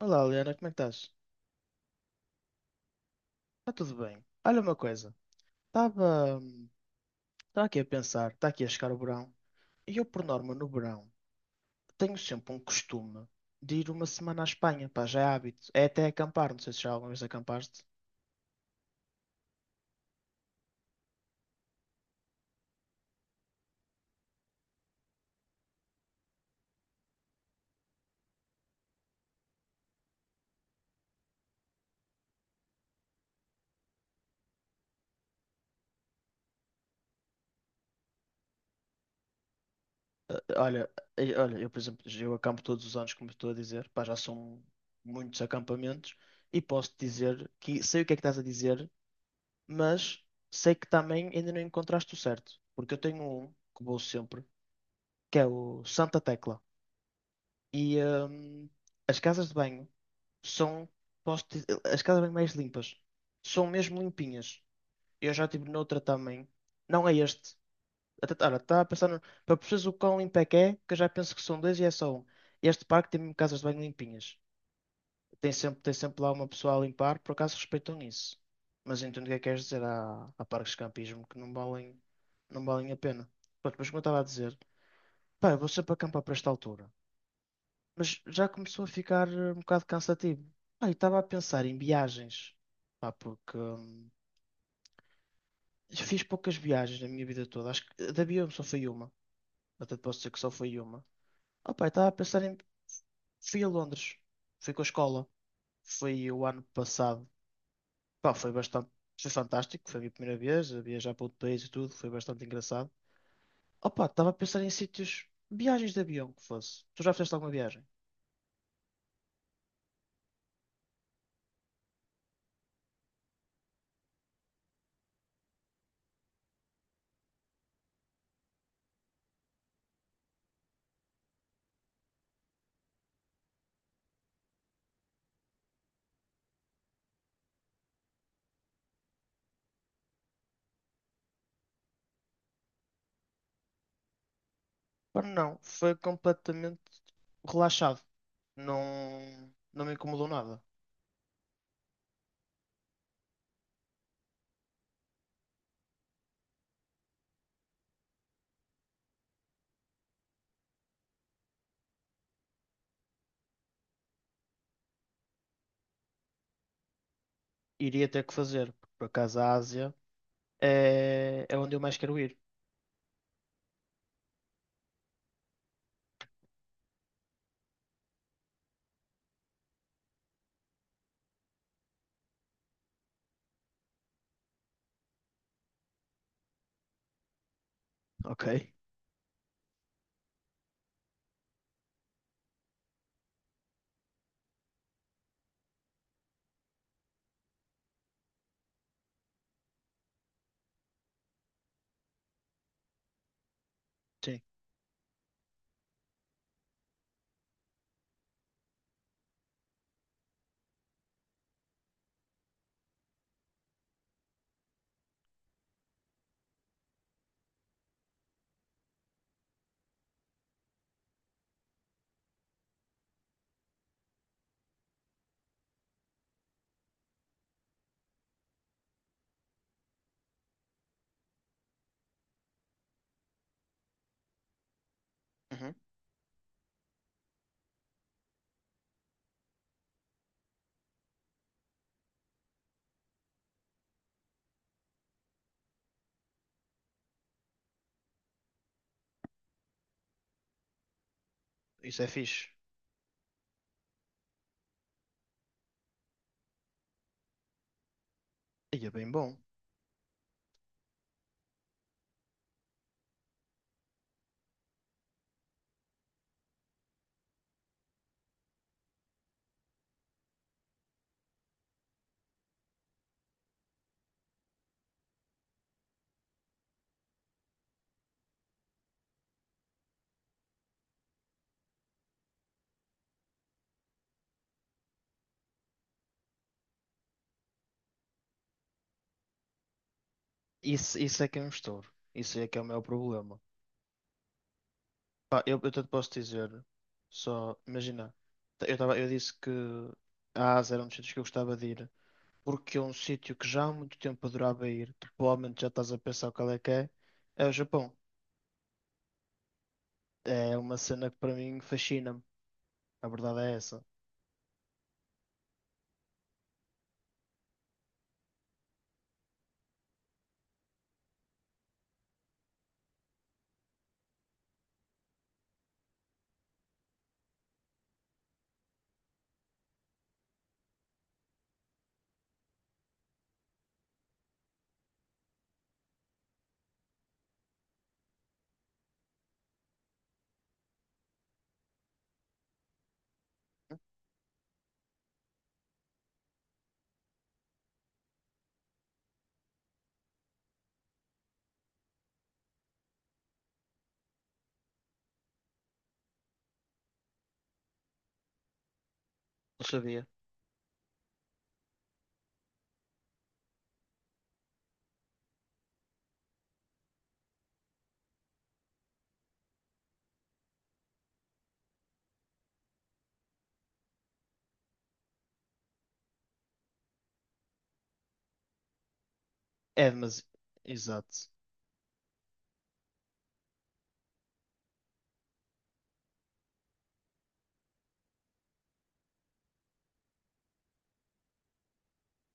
Olá, Liana, como é que estás? Está tudo bem. Olha uma coisa, estava hum, estava aqui a pensar, está aqui a chegar o verão, e eu, por norma, no verão, tenho sempre um costume de ir uma semana à Espanha, pá, já é hábito. É até acampar, não sei se já alguma vez acampaste. Eh, eh, Olha, olha, eu, por exemplo, eu acampo todos os anos, como estou a dizer, pá, já são muitos acampamentos, e posso-te dizer que sei o que é que estás a dizer, mas sei que também ainda não encontraste o certo, porque eu tenho um que vou sempre, que é o Santa Tecla. E as casas de banho são, posso dizer, as casas de banho mais limpas. São mesmo limpinhas. Eu já estive noutra também. Não é este. Até, olha, estava a pensar, para perceberes o quão limpo é, que eu já penso que são dois e é só um. Este parque tem mesmo casas de banho limpinhas. Tem sempre lá uma pessoa a limpar, por acaso respeitam isso. Mas entendo o que é que queres dizer. Há parques de campismo que não valem a pena. Pronto, mas como eu estava a dizer, pá, eu vou sempre acampar para esta altura, mas já começou a ficar um bocado cansativo. Ah, e estava a pensar em viagens, pá, porque fiz poucas viagens na minha vida toda. Acho que da avião só foi uma. Até te posso dizer que só foi uma. Ah, pá, e estava a pensar em. Fui a Londres, fui com a escola, foi o ano passado. Pá, foi bastante. Foi fantástico, foi a minha primeira vez a viajar para outro país e tudo, foi bastante engraçado. Opa, estava a pensar em sítios, viagens de avião que fosse. Tu já fizeste alguma viagem? Pá, não, foi completamente relaxado. Não, não me incomodou nada. Iria ter que fazer, porque por acaso a Ásia é onde eu mais quero ir. Ok. Sim. Uhum. Isso é fixe. E é bem bom. Isso é que é um estouro. Isso é que é o meu problema. Pá, eu até te posso dizer, só imagina, eu disse que a Ásia era um dos sítios que eu gostava de ir, porque é um sítio que já há muito tempo adorava ir, que provavelmente já estás a pensar qual é que é, é o Japão. É uma cena que para mim fascina-me. A verdade é essa. Não sabia. É, mas. Exato.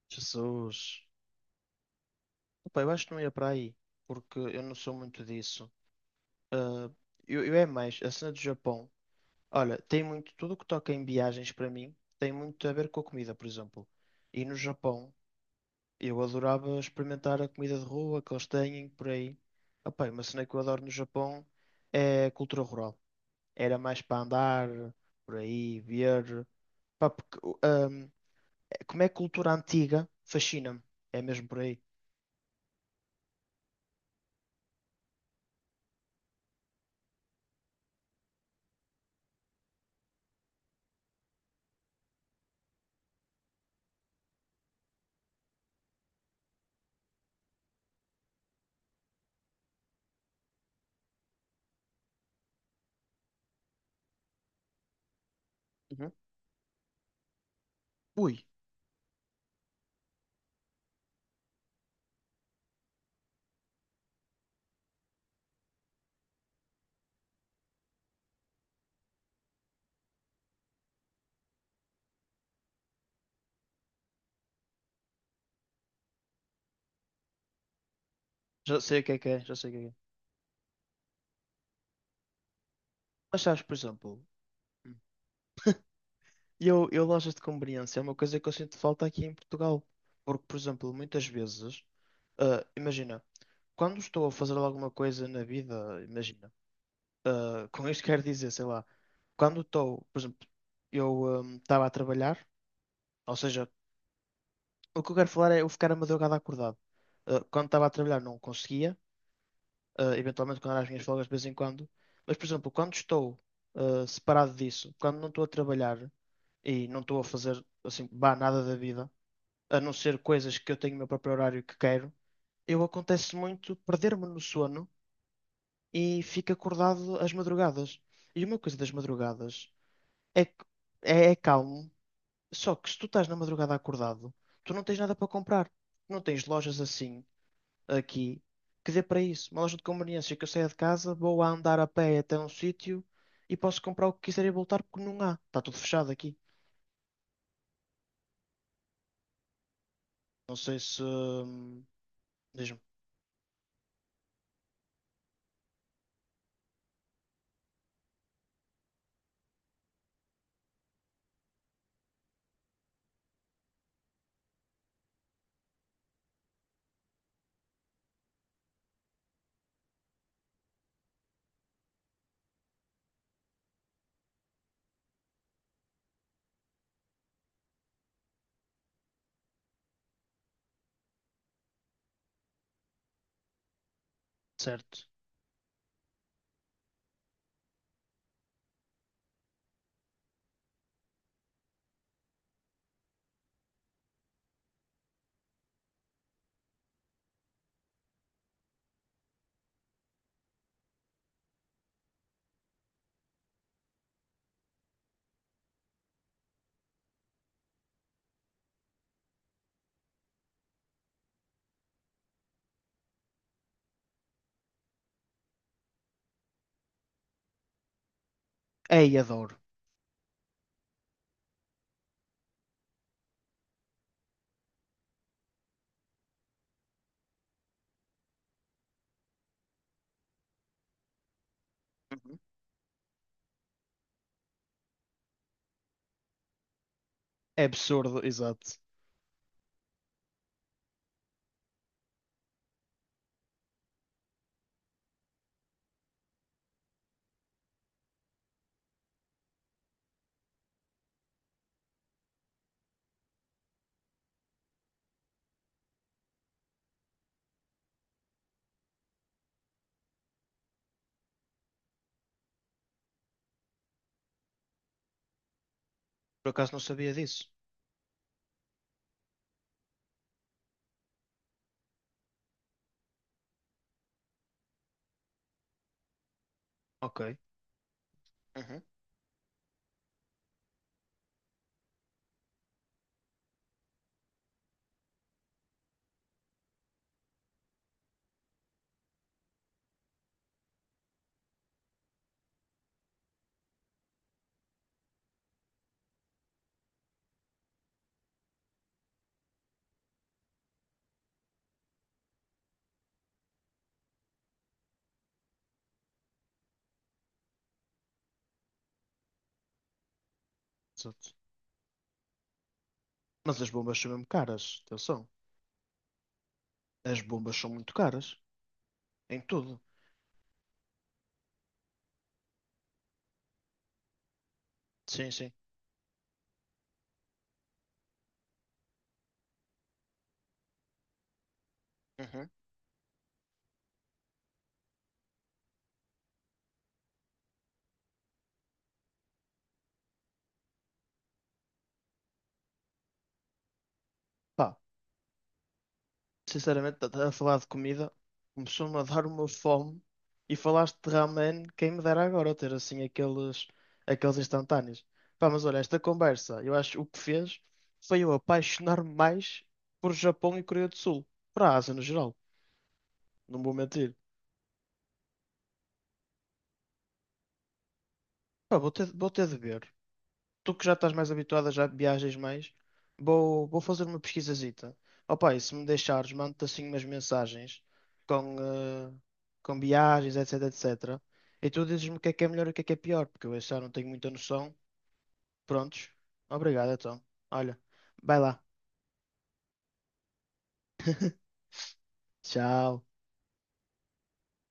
Jesus. Opa, eu acho que não ia para aí. Porque eu não sou muito disso. Ah, eu é mais. A cena do Japão. Olha, tem muito. Tudo o que toca em viagens para mim tem muito a ver com a comida, por exemplo. E no Japão, eu adorava experimentar a comida de rua que eles têm por aí. Opa, uma cena que eu adoro no Japão é a cultura rural. Era mais para andar por aí, ver. Pá, porque, hum, como é cultura antiga, fascina-me. É mesmo por aí. Uhum. Ui, já sei o que é, já sei o que é que é. Mas sabes, por exemplo, eu lojas de conveniência é uma coisa que eu sinto falta aqui em Portugal. Porque, por exemplo, muitas vezes, ah, imagina, quando estou a fazer alguma coisa na vida, imagina, ah, com isto quero dizer, sei lá, quando estou, por exemplo, eu estava a trabalhar, ou seja, o que eu quero falar é eu ficar a madrugada acordado. Ah, quando estava a trabalhar não conseguia eventualmente quando há as minhas folgas de vez em quando. Mas, por exemplo, quando estou separado disso, quando não estou a trabalhar e não estou a fazer assim, bah, nada da vida, a não ser coisas que eu tenho o meu próprio horário que quero, eu acontece muito perder-me no sono e fico acordado às madrugadas. E uma coisa das madrugadas é que é calmo, só que se tu estás na madrugada acordado, tu não tens nada para comprar. Não tens lojas assim aqui, que dê para isso. Uma loja de conveniência que eu saia de casa, vou a andar a pé até um sítio e posso comprar o que quiser e voltar porque não há. Está tudo fechado aqui. Não sei se. Diz-me. Certo. É, e adoro. Uhum. É absurdo, exato. Por acaso não sabia disso. Ok, uhum. Exato. Mas as bombas são mesmo caras, atenção. As bombas são muito caras. Em tudo. Sim, sim. Uhum. Pá. Sinceramente, a falar de comida, começou-me a dar uma fome e falaste de ramen, quem me dera agora ter assim aqueles instantâneos. Pá, mas olha, esta conversa, eu acho que o que fez foi eu apaixonar-me mais por Japão e Coreia do Sul, para a Ásia no geral, não vou mentir. Pá, vou ter de ver tu que já estás mais habituada, já viajas mais, vou fazer uma pesquisazita. Opa, e se me deixares, mando-te assim umas mensagens com, eh, com viagens, etc, etc. E tu dizes-me o que é melhor e o que é pior, porque eu já não tenho muita noção. Prontos? Obrigado, então. Olha, vai lá. Tchau.